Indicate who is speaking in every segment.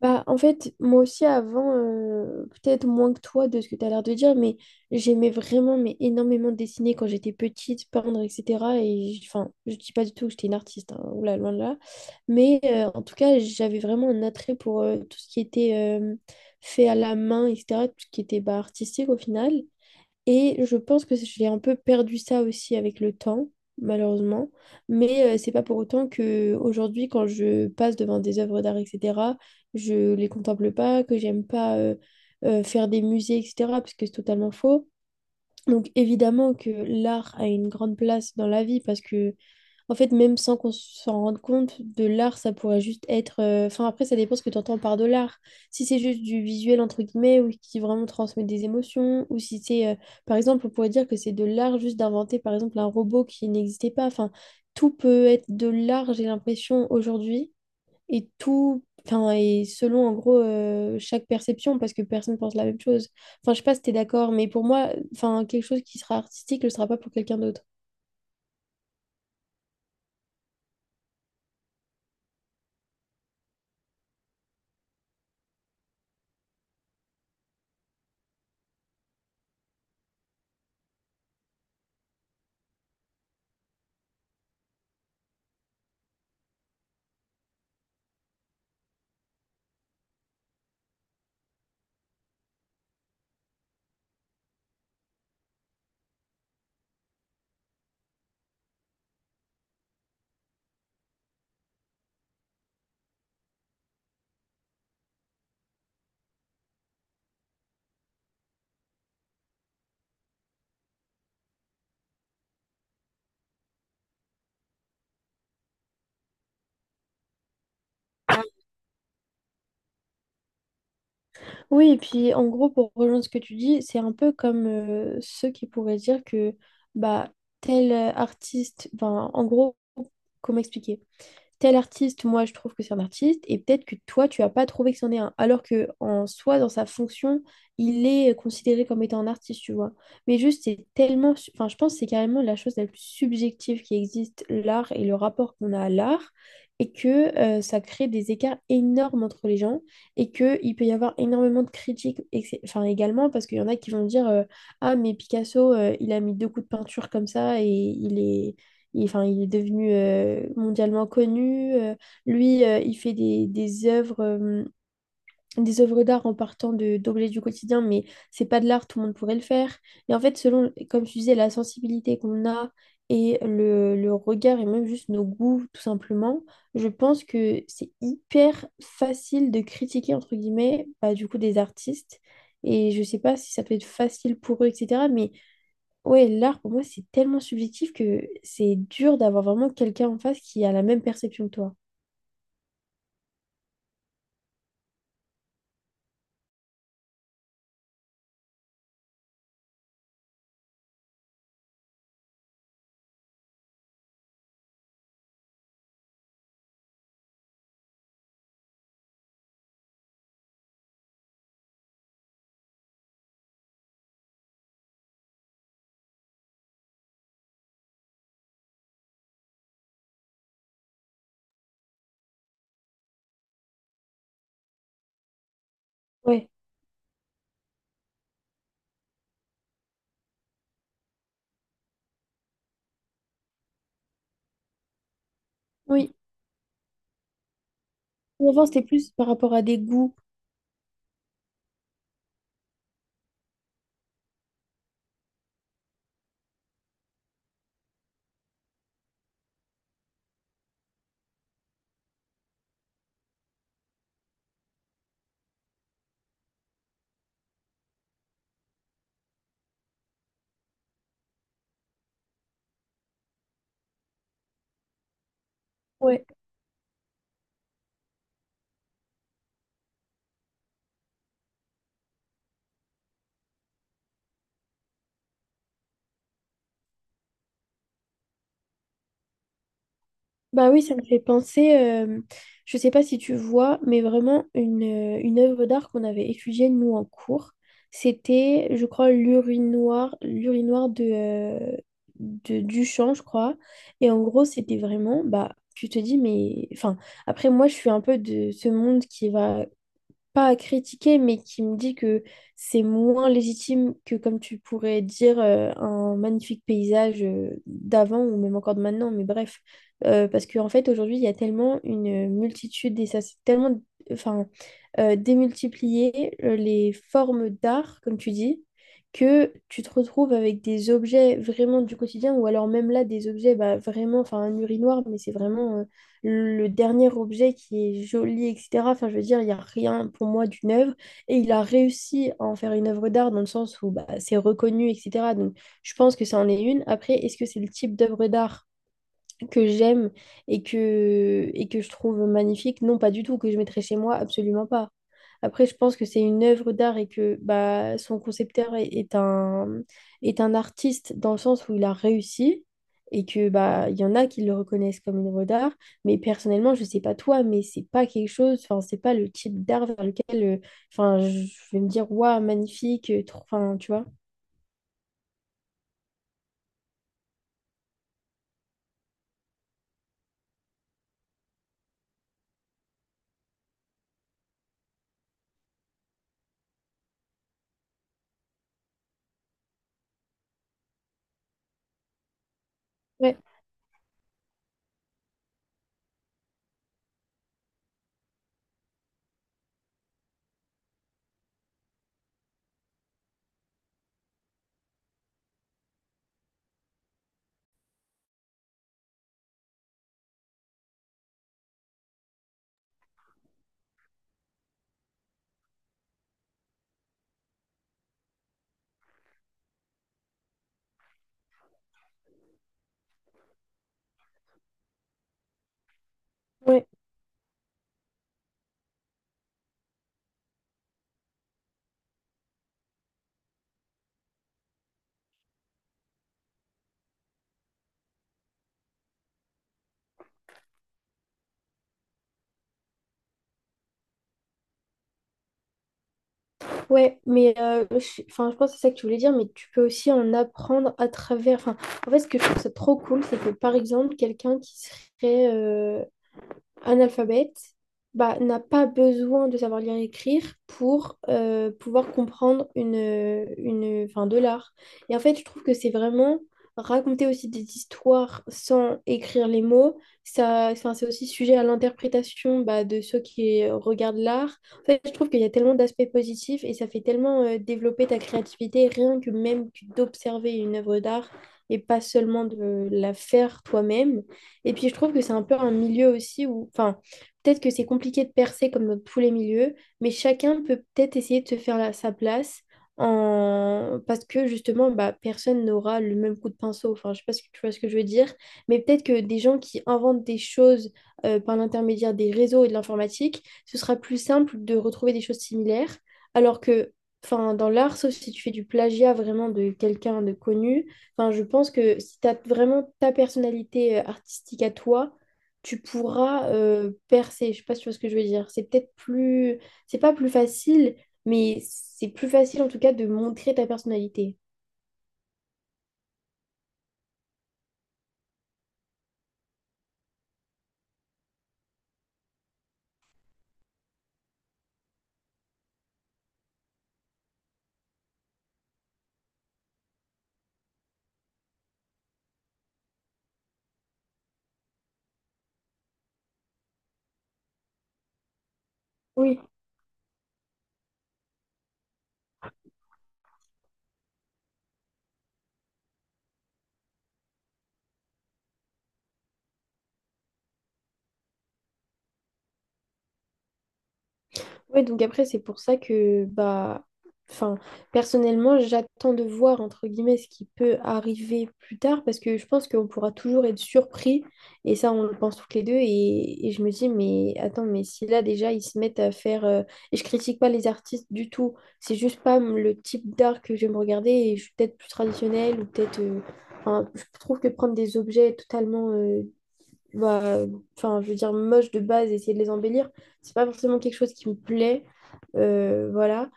Speaker 1: Bah, en fait, moi aussi avant, peut-être moins que toi de ce que tu as l'air de dire, mais j'aimais vraiment, mais énormément dessiner quand j'étais petite, peindre, etc. Enfin, je dis pas du tout que j'étais une artiste, hein, oula, loin de là. Mais en tout cas, j'avais vraiment un attrait pour tout ce qui était fait à la main, etc. Tout ce qui était bah, artistique au final. Et je pense que j'ai un peu perdu ça aussi avec le temps, malheureusement. Mais c'est pas pour autant que aujourd'hui, quand je passe devant des œuvres d'art, etc., je les contemple pas, que j'aime pas faire des musées, etc., parce que c'est totalement faux. Donc évidemment que l'art a une grande place dans la vie parce que en fait, même sans qu'on s'en rende compte, de l'art, ça pourrait juste être. Enfin, après, ça dépend ce que tu entends par de l'art. Si c'est juste du visuel, entre guillemets, ou qui vraiment transmet des émotions, ou si c'est. Par exemple, on pourrait dire que c'est de l'art juste d'inventer, par exemple, un robot qui n'existait pas. Enfin, tout peut être de l'art, j'ai l'impression, aujourd'hui. Et tout... Enfin, et selon, en gros, chaque perception, parce que personne pense la même chose. Enfin, je sais pas si t'es d'accord, mais pour moi, enfin, quelque chose qui sera artistique ne le sera pas pour quelqu'un d'autre. Oui, et puis en gros, pour rejoindre ce que tu dis, c'est un peu comme ceux qui pourraient dire que bah tel artiste, enfin en gros, comment expliquer? Tel artiste, moi je trouve que c'est un artiste, et peut-être que toi tu as pas trouvé que c'en est un, alors que en soi, dans sa fonction, il est considéré comme étant un artiste, tu vois. Mais juste, c'est tellement, enfin je pense que c'est carrément la chose la plus subjective qui existe, l'art et le rapport qu'on a à l'art, et que ça crée des écarts énormes entre les gens, et qu'il peut y avoir énormément de critiques, et que enfin également, parce qu'il y en a qui vont dire, ah mais Picasso, il a mis deux coups de peinture comme ça, et il est devenu mondialement connu. Lui, il fait des œuvres, des œuvres d'art en partant de d'objets du quotidien, mais c'est pas de l'art, tout le monde pourrait le faire. Et en fait, selon, comme tu disais, la sensibilité qu'on a et le regard et même juste nos goûts, tout simplement, je pense que c'est hyper facile de critiquer, entre guillemets, bah, du coup, des artistes. Et je sais pas si ça peut être facile pour eux, etc. Ouais, l'art pour moi c'est tellement subjectif que c'est dur d'avoir vraiment quelqu'un en face qui a la même perception que toi. Ouais, oui. Ou avant c'était plus par rapport à des goûts. Ouais. Bah oui, ça me fait penser, je sais pas si tu vois, mais vraiment une œuvre d'art qu'on avait étudiée nous en cours. C'était, je crois, l'urinoir, l'urinoir de Duchamp, je crois. Et en gros, c'était vraiment, bah, tu te dis, mais, enfin, après moi, je suis un peu de ce monde qui va pas à critiquer, mais qui me dit que c'est moins légitime que comme tu pourrais dire un magnifique paysage d'avant ou même encore de maintenant, mais bref. Parce qu'en fait, aujourd'hui, il y a tellement une multitude et ça c'est tellement enfin, démultiplié les formes d'art, comme tu dis, que tu te retrouves avec des objets vraiment du quotidien ou alors même là, des objets bah, vraiment, enfin un urinoir, mais c'est vraiment le dernier objet qui est joli, etc. Enfin, je veux dire, il n'y a rien pour moi d'une œuvre. Et il a réussi à en faire une œuvre d'art dans le sens où bah, c'est reconnu, etc. Donc, je pense que ça en est une. Après, est-ce que c'est le type d'œuvre d'art que j'aime et que je trouve magnifique, non, pas du tout, que je mettrais chez moi, absolument pas. Après, je pense que c'est une œuvre d'art et que bah, son concepteur est un artiste dans le sens où il a réussi et que bah, il y en a qui le reconnaissent comme une œuvre d'art. Mais personnellement, je sais pas toi, mais c'est pas quelque chose, enfin, c'est pas le type d'art vers lequel enfin, je vais me dire, waouh, magnifique, enfin, tu vois. Ouais, ouais. Ouais, mais je, enfin, je pense que c'est ça que tu voulais dire, mais tu peux aussi en apprendre à travers. Enfin, en fait, ce que je trouve ça trop cool, c'est que par exemple, quelqu'un qui serait analphabète bah, n'a pas besoin de savoir lire et écrire pour pouvoir comprendre enfin, de l'art. Et en fait, je trouve que c'est vraiment raconter aussi des histoires sans écrire les mots. Ça, enfin, c'est aussi sujet à l'interprétation bah, de ceux qui regardent l'art. En fait, je trouve qu'il y a tellement d'aspects positifs et ça fait tellement développer ta créativité, rien que même que d'observer une œuvre d'art et pas seulement de la faire toi-même. Et puis je trouve que c'est un peu un milieu aussi où, enfin, peut-être que c'est compliqué de percer comme dans tous les milieux, mais chacun peut peut-être essayer de se faire sa place parce que justement, bah, personne n'aura le même coup de pinceau. Enfin, je sais pas si tu vois ce que je veux dire, mais peut-être que des gens qui inventent des choses par l'intermédiaire des réseaux et de l'informatique, ce sera plus simple de retrouver des choses similaires, alors que, enfin, dans l'art, sauf si tu fais du plagiat vraiment de quelqu'un de connu. Enfin, je pense que si tu as vraiment ta personnalité artistique à toi, tu pourras percer. Je sais pas si tu vois ce que je veux dire. C'est peut-être plus... C'est pas plus facile, mais c'est plus facile en tout cas de montrer ta personnalité. Oui, donc après, c'est pour ça que, bah, enfin, personnellement, j'attends de voir, entre guillemets, ce qui peut arriver plus tard, parce que je pense qu'on pourra toujours être surpris, et ça, on le pense toutes les deux, et je me dis, mais attends, mais si là, déjà, ils se mettent à faire. Et je critique pas les artistes du tout, c'est juste pas le type d'art que j'aime regarder, et je suis peut-être plus traditionnelle, ou peut-être. Enfin, je trouve que prendre des objets totalement... euh, bah, enfin, je veux dire, moches de base, essayer de les embellir, c'est pas forcément quelque chose qui me plaît. Voilà.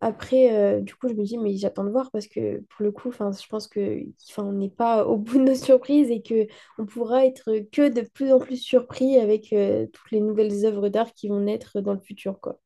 Speaker 1: Après, du coup, je me dis, mais j'attends de voir parce que pour le coup, enfin, je pense que, enfin, on n'est pas au bout de nos surprises et que on pourra être que de plus en plus surpris avec toutes les nouvelles œuvres d'art qui vont naître dans le futur, quoi.